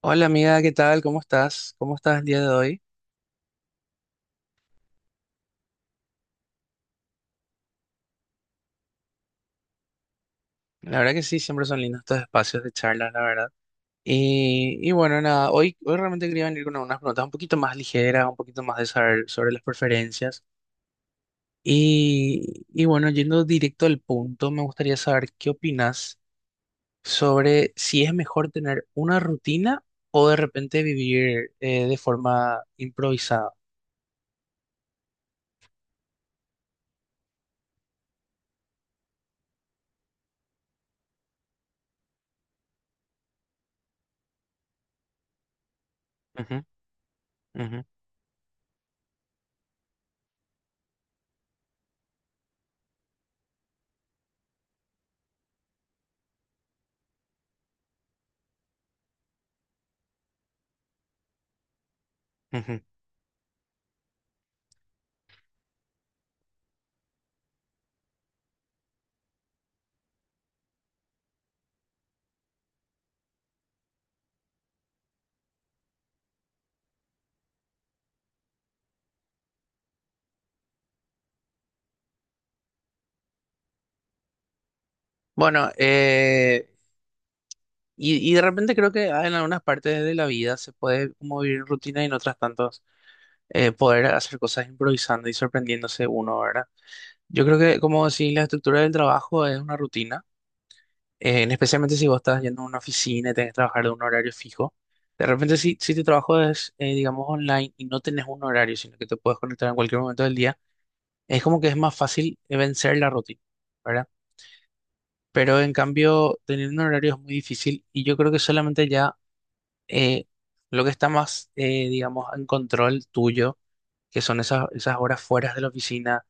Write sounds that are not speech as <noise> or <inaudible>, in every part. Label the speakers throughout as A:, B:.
A: Hola amiga, ¿qué tal? ¿Cómo estás? ¿Cómo estás el día de hoy? La verdad que sí, siempre son lindos estos espacios de charla, la verdad. Y bueno, nada, hoy realmente quería venir con unas preguntas un poquito más ligeras, un poquito más de saber sobre las preferencias. Y bueno, yendo directo al punto, me gustaría saber qué opinas sobre si es mejor tener una rutina o de repente vivir de forma improvisada. Ujú, ujú, ujú. Bueno, y de repente creo que en algunas partes de la vida se puede como vivir en rutina y en otras tantos poder hacer cosas improvisando y sorprendiéndose uno, ¿verdad? Yo creo que, como decís, la estructura del trabajo es una rutina, en especialmente si vos estás yendo a una oficina y tenés que trabajar de un horario fijo. De repente si tu trabajo es, digamos, online y no tenés un horario, sino que te puedes conectar en cualquier momento del día, es como que es más fácil vencer la rutina, ¿verdad? Pero en cambio, tener un horario es muy difícil y yo creo que solamente ya eh, lo que está más, digamos, en control tuyo, que son esas horas fuera de la oficina,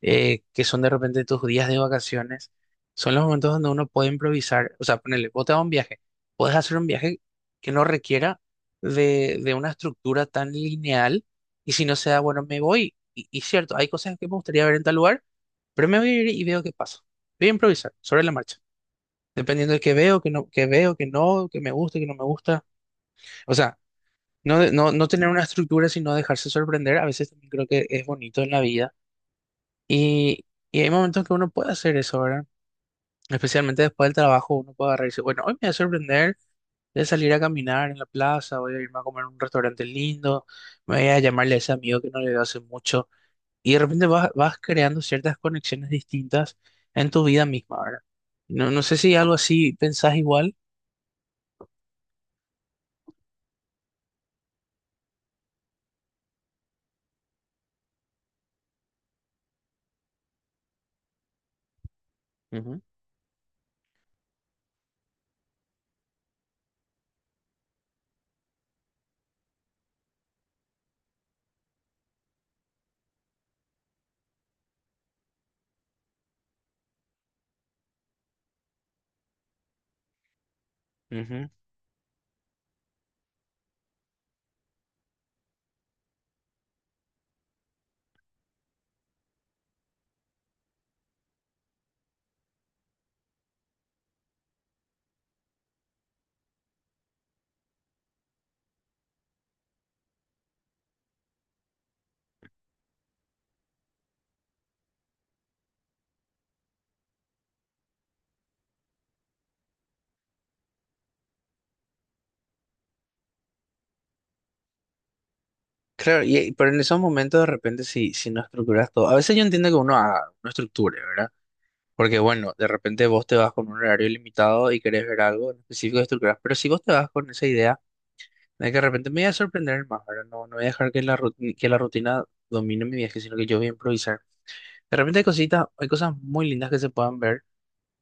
A: que son de repente tus días de vacaciones, son los momentos donde uno puede improvisar, o sea, ponele, vos te vas a un viaje, puedes hacer un viaje que no requiera de una estructura tan lineal, y si no se da, bueno, me voy, y cierto, hay cosas que me gustaría ver en tal lugar, pero me voy a ir y veo qué pasa. Voy a improvisar sobre la marcha. Dependiendo de qué veo, que no, que veo, que no, que me gusta, que no me gusta. O sea, no, no tener una estructura, sino dejarse sorprender, a veces también creo que es bonito en la vida. Y, y hay momentos que uno puede hacer eso, ¿verdad? Especialmente después del trabajo, uno puede agarrar y decir, bueno, hoy me voy a sorprender, voy a salir a caminar en la plaza, voy a irme a comer a un restaurante lindo, me voy a llamarle a ese amigo que no le veo hace mucho. Y de repente vas creando ciertas conexiones distintas en tu vida misma, ¿verdad? No, no sé si algo así pensás igual. Ujú, ujú. Claro, pero en esos momentos de repente si no estructuras todo, a veces yo entiendo que uno estructure, ¿verdad? Porque bueno, de repente vos te vas con un horario limitado y querés ver algo en específico de estructuras, pero si vos te vas con esa idea de que de repente me voy a sorprender más, ¿verdad? No, no voy a dejar que que la rutina domine mi viaje, sino que yo voy a improvisar. De repente hay cositas, hay cosas muy lindas que se puedan ver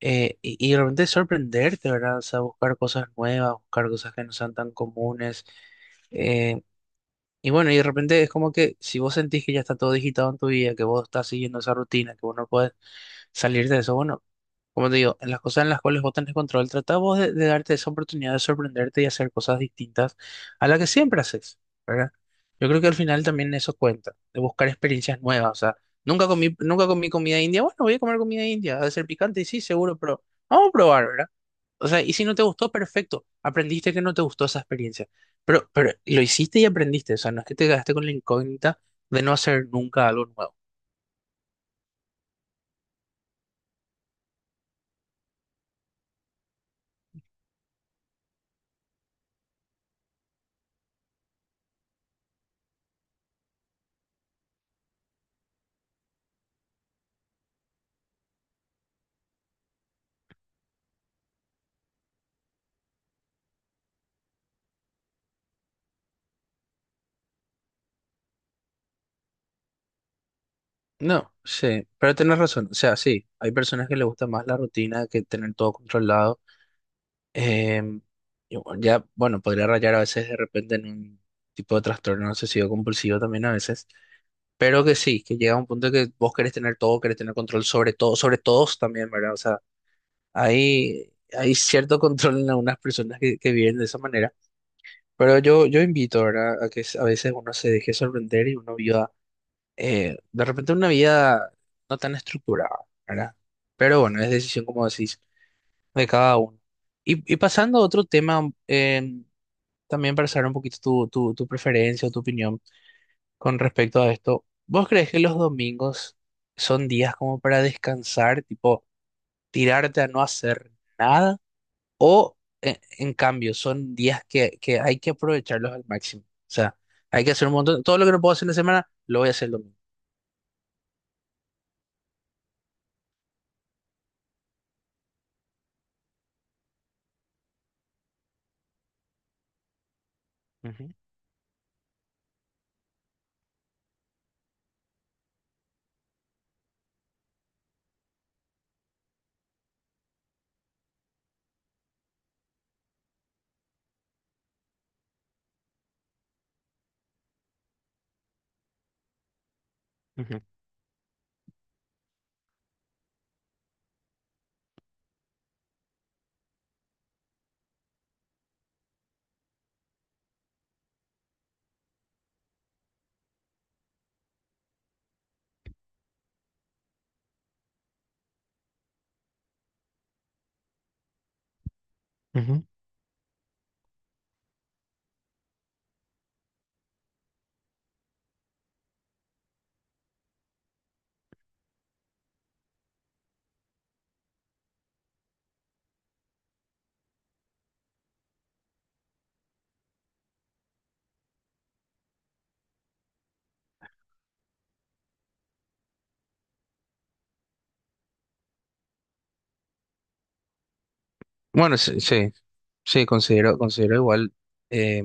A: y de repente sorprenderte, ¿verdad? O sea, buscar cosas nuevas, buscar cosas que no sean tan comunes. eh, y bueno, y de repente es como que si vos sentís que ya está todo digitado en tu vida, que vos estás siguiendo esa rutina, que vos no puedes salir de eso, bueno, como te digo, en las cosas en las cuales vos tenés control, tratá vos de darte esa oportunidad de sorprenderte y hacer cosas distintas a las que siempre haces, ¿verdad? Yo creo que al final también eso cuenta, de buscar experiencias nuevas, o sea, nunca comí comida india, bueno, voy a comer comida india, ha de ser picante, y sí, seguro, pero vamos a probar, ¿verdad? O sea, y si no te gustó, perfecto. Aprendiste que no te gustó esa experiencia. Pero lo hiciste y aprendiste. O sea, no es que te quedaste con la incógnita de no hacer nunca algo nuevo. No, sí, pero tenés razón. O sea, sí, hay personas que les gusta más la rutina que tener todo controlado. Em, y bueno, ya, bueno, podría rayar a veces de repente en un tipo de trastorno obsesivo compulsivo también a veces. Pero que sí, que llega un punto que vos querés tener todo, querés tener control sobre todo, sobre todos también, ¿verdad? O sea, hay cierto control en algunas personas que viven de esa manera, pero yo invito, ¿verdad? A que a veces uno se deje sorprender y uno viva, de repente una vida no tan estructurada, ¿verdad? Pero bueno, es decisión, como decís, de cada uno. Y pasando a otro tema, también para saber un poquito tu, tu preferencia o tu opinión con respecto a esto, ¿vos crees que los domingos son días como para descansar, tipo tirarte a no hacer nada? O en cambio, son días que, hay que aprovecharlos al máximo. O sea, hay que hacer un montón. Todo lo que no puedo hacer en la semana, lo voy a hacer el domingo. Ujú, ujú, ujú. Bueno, sí, sí, sí, considero igual. eh,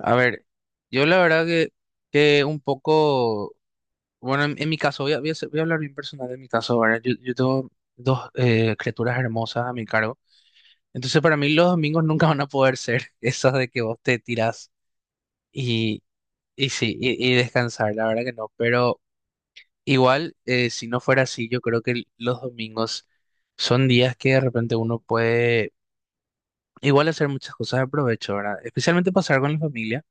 A: a ver, yo la verdad que un poco, bueno, en mi caso, voy a hablar bien personal de mi caso, ¿verdad? Yo tengo dos criaturas hermosas a mi cargo, entonces para mí los domingos nunca van a poder ser <laughs> esas de que vos te tirás. Y sí, y descansar, la verdad que no, pero igual, si no fuera así, yo creo que los domingos son días que de repente uno puede igual hacer muchas cosas de provecho, ¿verdad? Especialmente pasar con la familia,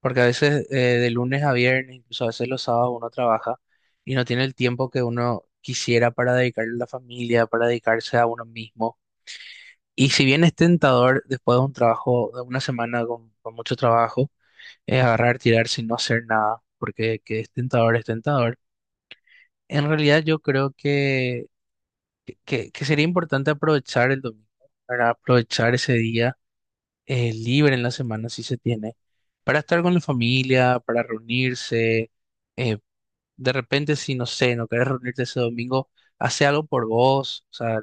A: porque a veces de lunes a viernes, incluso a veces los sábados uno trabaja y no tiene el tiempo que uno quisiera para dedicarle a la familia, para dedicarse a uno mismo. Y si bien es tentador después de un trabajo, de una semana con mucho trabajo, es agarrar, tirarse y no hacer nada, porque que es tentador, es tentador. En realidad yo creo que sería importante aprovechar el domingo, para aprovechar ese día libre en la semana si se tiene, para estar con la familia, para reunirse. eh, de repente, si no sé, no querés reunirte ese domingo, hace algo por vos, o sea,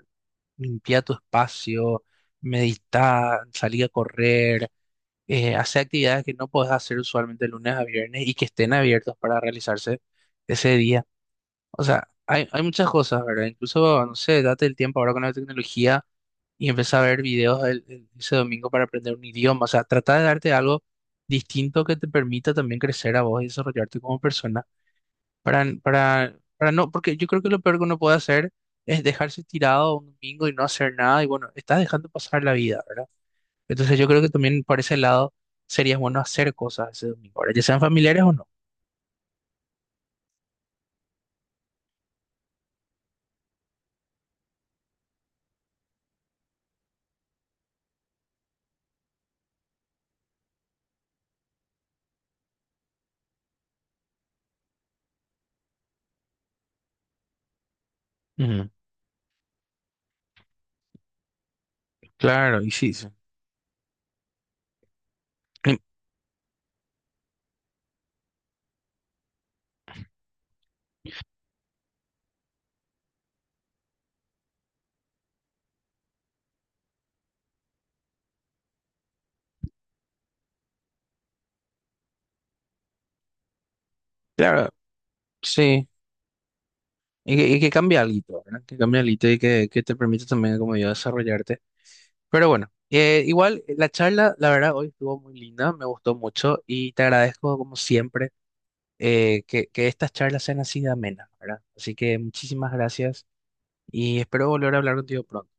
A: limpia tu espacio, medita, salí a correr, hace actividades que no podés hacer usualmente lunes a viernes y que estén abiertos para realizarse ese día. O sea, hay muchas cosas, ¿verdad? Incluso, no sé, date el tiempo ahora con la tecnología y empieza a ver videos ese domingo para aprender un idioma. O sea, trata de darte algo distinto que te permita también crecer a vos y desarrollarte como persona. Para no, porque yo creo que lo peor que uno puede hacer es dejarse tirado un domingo y no hacer nada. Y bueno, estás dejando pasar la vida, ¿verdad? Entonces yo creo que también por ese lado sería bueno hacer cosas ese domingo, ¿verdad? Ya sean familiares o no. Ujú, claro, y sí, sí. Em, Claro, sí. Y que cambia algo, ¿verdad? Que cambia algo y que te permite también, como yo, desarrollarte. Pero bueno, igual la charla, la verdad, hoy estuvo muy linda, me gustó mucho y te agradezco, como siempre, que estas charlas sean así de amenas, ¿verdad? Así que muchísimas gracias y espero volver a hablar contigo pronto.